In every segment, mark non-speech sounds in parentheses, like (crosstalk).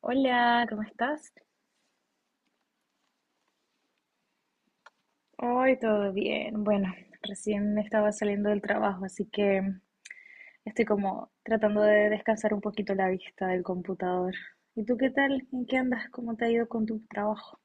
Hola, ¿cómo estás? Hoy todo bien. Bueno, recién estaba saliendo del trabajo, así que estoy como tratando de descansar un poquito la vista del computador. ¿Y tú qué tal? ¿En qué andas? ¿Cómo te ha ido con tu trabajo?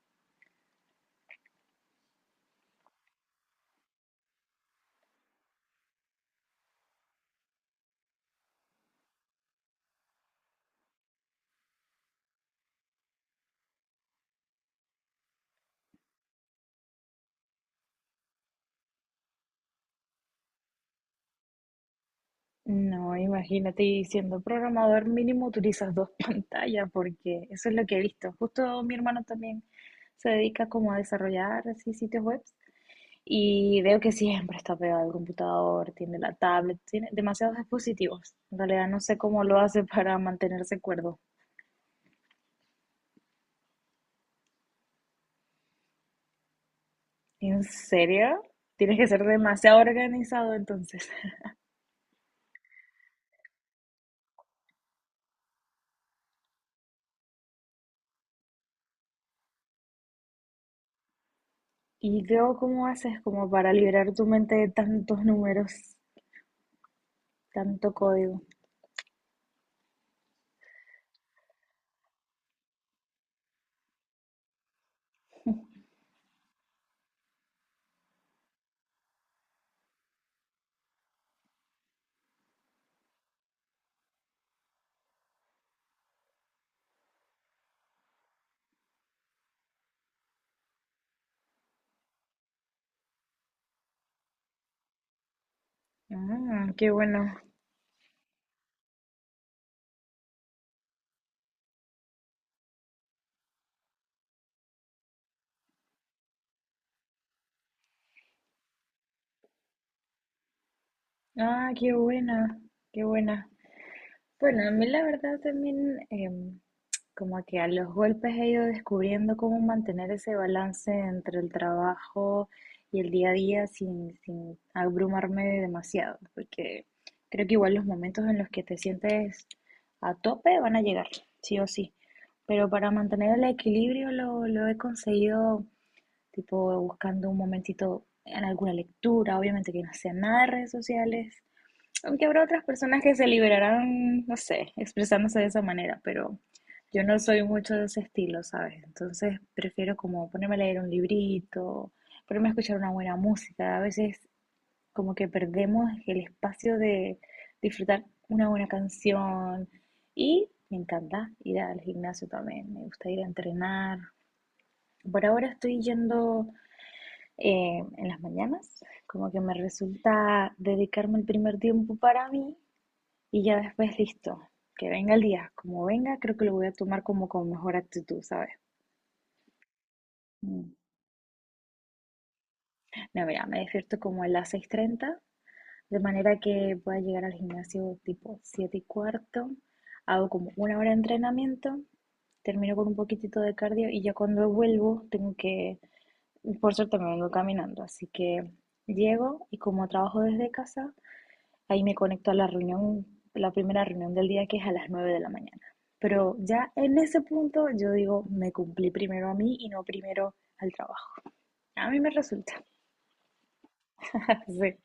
No, imagínate, y siendo programador mínimo utilizas dos (laughs) pantallas, porque eso es lo que he visto. Justo mi hermano también se dedica como a desarrollar así sitios web. Y veo que siempre está pegado al computador, tiene la tablet, tiene demasiados dispositivos. En realidad no sé cómo lo hace para mantenerse cuerdo. ¿En serio? Tienes que ser demasiado organizado entonces. (laughs) Y veo cómo haces como para liberar tu mente de tantos números, tanto código. Ah, qué bueno. Ah, qué buena, qué buena. Bueno, a mí la verdad también como que a los golpes he ido descubriendo cómo mantener ese balance entre el trabajo y el día a día sin abrumarme demasiado, porque creo que igual los momentos en los que te sientes a tope van a llegar, sí o sí. Pero para mantener el equilibrio lo he conseguido tipo buscando un momentito en alguna lectura, obviamente que no sea nada de redes sociales, aunque habrá otras personas que se liberarán, no sé, expresándose de esa manera, pero yo no soy mucho de ese estilo, ¿sabes? Entonces prefiero como ponerme a leer un librito, ponerme a escuchar una buena música. A veces como que perdemos el espacio de disfrutar una buena canción, y me encanta ir al gimnasio también, me gusta ir a entrenar. Por ahora estoy yendo en las mañanas, como que me resulta dedicarme el primer tiempo para mí, y ya después, listo, que venga el día, como venga, creo que lo voy a tomar como con mejor actitud, ¿sabes? Mm. No, mira, me despierto como a las 6:30, de manera que voy a llegar al gimnasio tipo 7:15, hago como una hora de entrenamiento, termino con un poquitito de cardio y ya cuando vuelvo tengo que, por suerte me vengo caminando, así que llego y como trabajo desde casa, ahí me conecto a la reunión, la primera reunión del día, que es a las 9 de la mañana. Pero ya en ese punto yo digo, me cumplí primero a mí y no primero al trabajo. A mí me resulta. (laughs)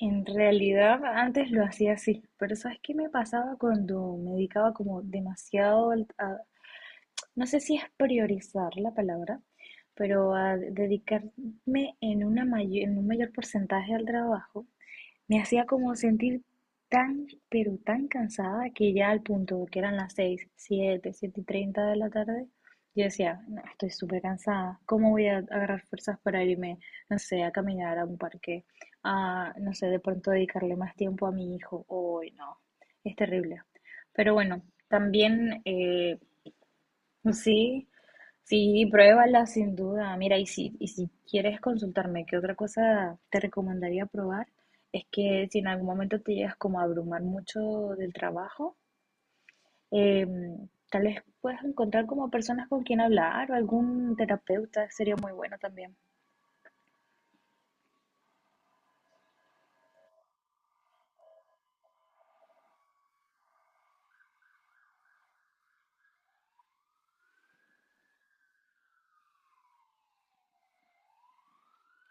En realidad antes lo hacía así, pero ¿sabes qué me pasaba cuando me dedicaba como demasiado a, no sé si es priorizar la palabra, pero a dedicarme en en un mayor porcentaje al trabajo? Me hacía como sentir tan, pero tan cansada, que ya al punto que eran las seis, siete, 7 y 30 de la tarde, yo decía, "No, estoy súper cansada, ¿cómo voy a agarrar fuerzas para irme, no sé, a caminar a un parque, a, no sé, de pronto dedicarle más tiempo a mi hijo? Hoy no, es terrible." Pero bueno, también. Sí, sí, pruébala sin duda. Mira, y si quieres consultarme qué otra cosa te recomendaría probar, es que si en algún momento te llegas como a abrumar mucho del trabajo, tal vez puedas encontrar como personas con quien hablar o algún terapeuta, sería muy bueno también.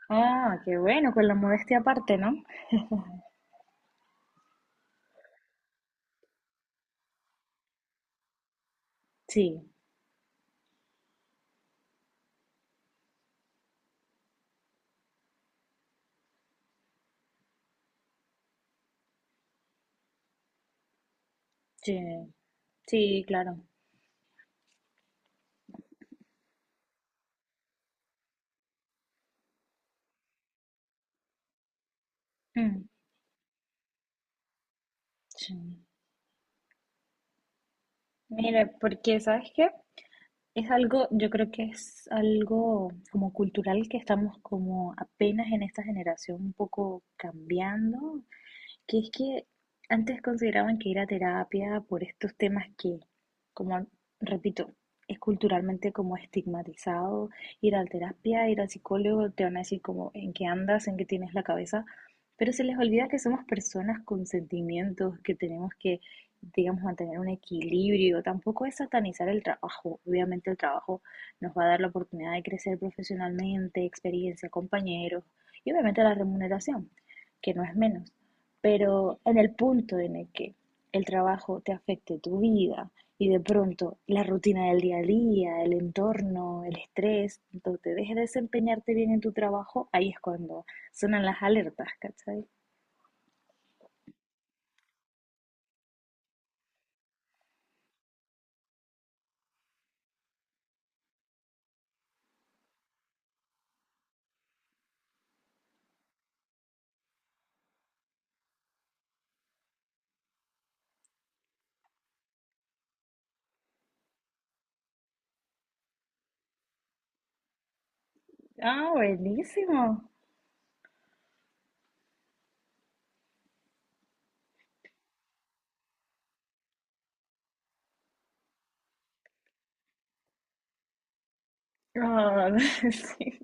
Ah, qué bueno, con la modestia aparte, ¿no? Sí, sí, sí, claro. Mm, sí. Mira, porque ¿sabes qué? Es algo, yo creo que es algo como cultural, que estamos como apenas en esta generación un poco cambiando, que es que antes consideraban que ir a terapia por estos temas que, como repito, es culturalmente como estigmatizado, ir a la terapia, ir al psicólogo, te van a decir como en qué andas, en qué tienes la cabeza, pero se les olvida que somos personas con sentimientos, que tenemos que, digamos, mantener un equilibrio. Tampoco es satanizar el trabajo. Obviamente el trabajo nos va a dar la oportunidad de crecer profesionalmente, experiencia, compañeros y obviamente la remuneración, que no es menos. Pero en el punto en el que el trabajo te afecte tu vida y de pronto la rutina del día a día, el entorno, el estrés, cuando te dejes desempeñarte bien en tu trabajo, ahí es cuando sonan las alertas, ¿cachai? Ah, buenísimo. Ah, (laughs) sí.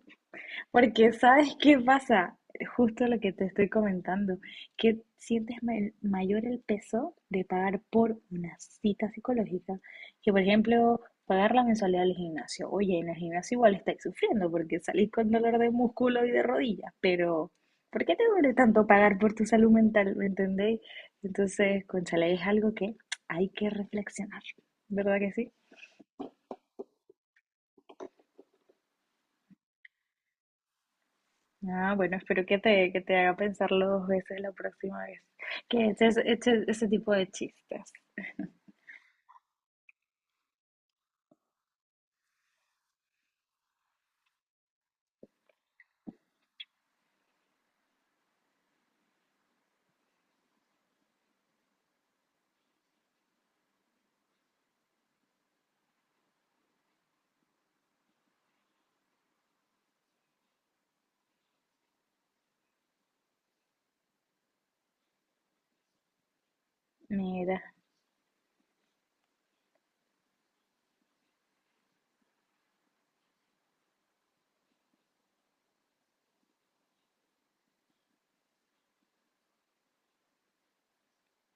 Porque ¿sabes qué pasa? Justo lo que te estoy comentando, que sientes mayor el peso de pagar por una cita psicológica que, por ejemplo, pagar la mensualidad del gimnasio. Oye, en el gimnasio igual estáis sufriendo porque salís con dolor de músculo y de rodillas, pero ¿por qué te duele tanto pagar por tu salud mental? ¿Me entendéis? Entonces, cónchale, es algo que hay que reflexionar, ¿verdad que sí? Ah, bueno, espero que te haga pensarlo dos veces la próxima vez. Que eches ese tipo de chistes. Mira,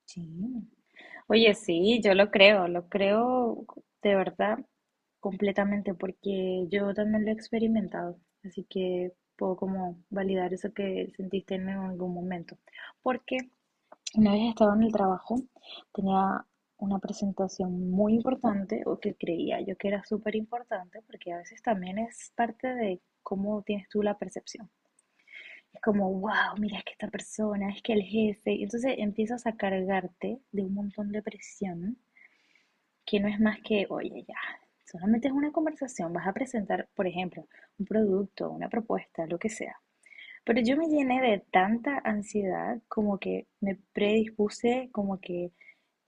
sí. Oye, sí, yo lo creo de verdad completamente, porque yo también lo he experimentado. Así que puedo como validar eso que sentiste en algún momento. Porque una vez estaba en el trabajo, tenía una presentación muy importante, o que creía yo que era súper importante, porque a veces también es parte de cómo tienes tú la percepción. Es como, wow, mira, es que esta persona, es que el jefe. Y entonces empiezas a cargarte de un montón de presión, que no es más que, oye, ya, solamente es una conversación, vas a presentar, por ejemplo, un producto, una propuesta, lo que sea. Pero yo me llené de tanta ansiedad, como que me predispuse, como que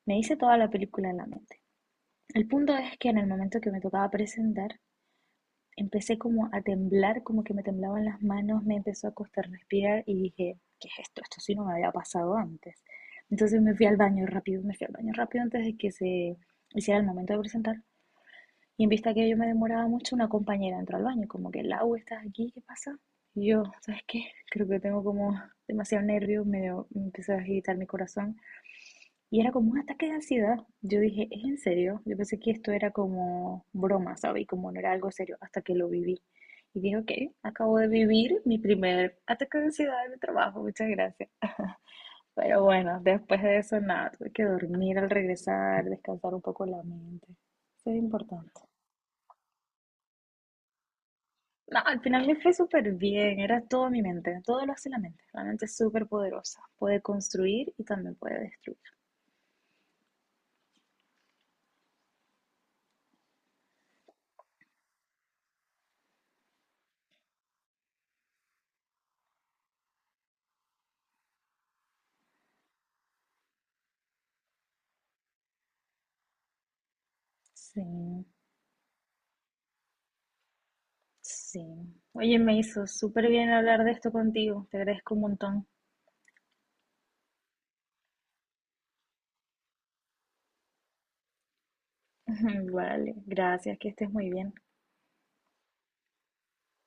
me hice toda la película en la mente. El punto es que en el momento que me tocaba presentar, empecé como a temblar, como que me temblaban las manos, me empezó a costar respirar y dije, ¿qué es esto? Esto sí no me había pasado antes. Entonces me fui al baño rápido, me fui al baño rápido antes de que se hiciera el momento de presentar. Y en vista que yo me demoraba mucho, una compañera entró al baño, como que, Lau, ¿estás aquí? ¿Qué pasa? Y yo, ¿sabes qué? Creo que tengo como demasiado nervio, me empezó a agitar mi corazón. Y era como un ataque de ansiedad. Yo dije, ¿es en serio? Yo pensé que esto era como broma, ¿sabes? Y como no era algo serio hasta que lo viví. Y dije, ok, acabo de vivir mi primer ataque de ansiedad en mi trabajo, muchas gracias. Pero bueno, después de eso, nada, tuve que dormir al regresar, descansar un poco la mente. Eso es importante. No, al final me fue súper bien, era todo mi mente, todo lo hace la mente. La mente es súper poderosa, puede construir y también puede destruir. Sí. Sí. Oye, me hizo súper bien hablar de esto contigo. Te agradezco un montón. (laughs) Vale, gracias, que estés muy bien.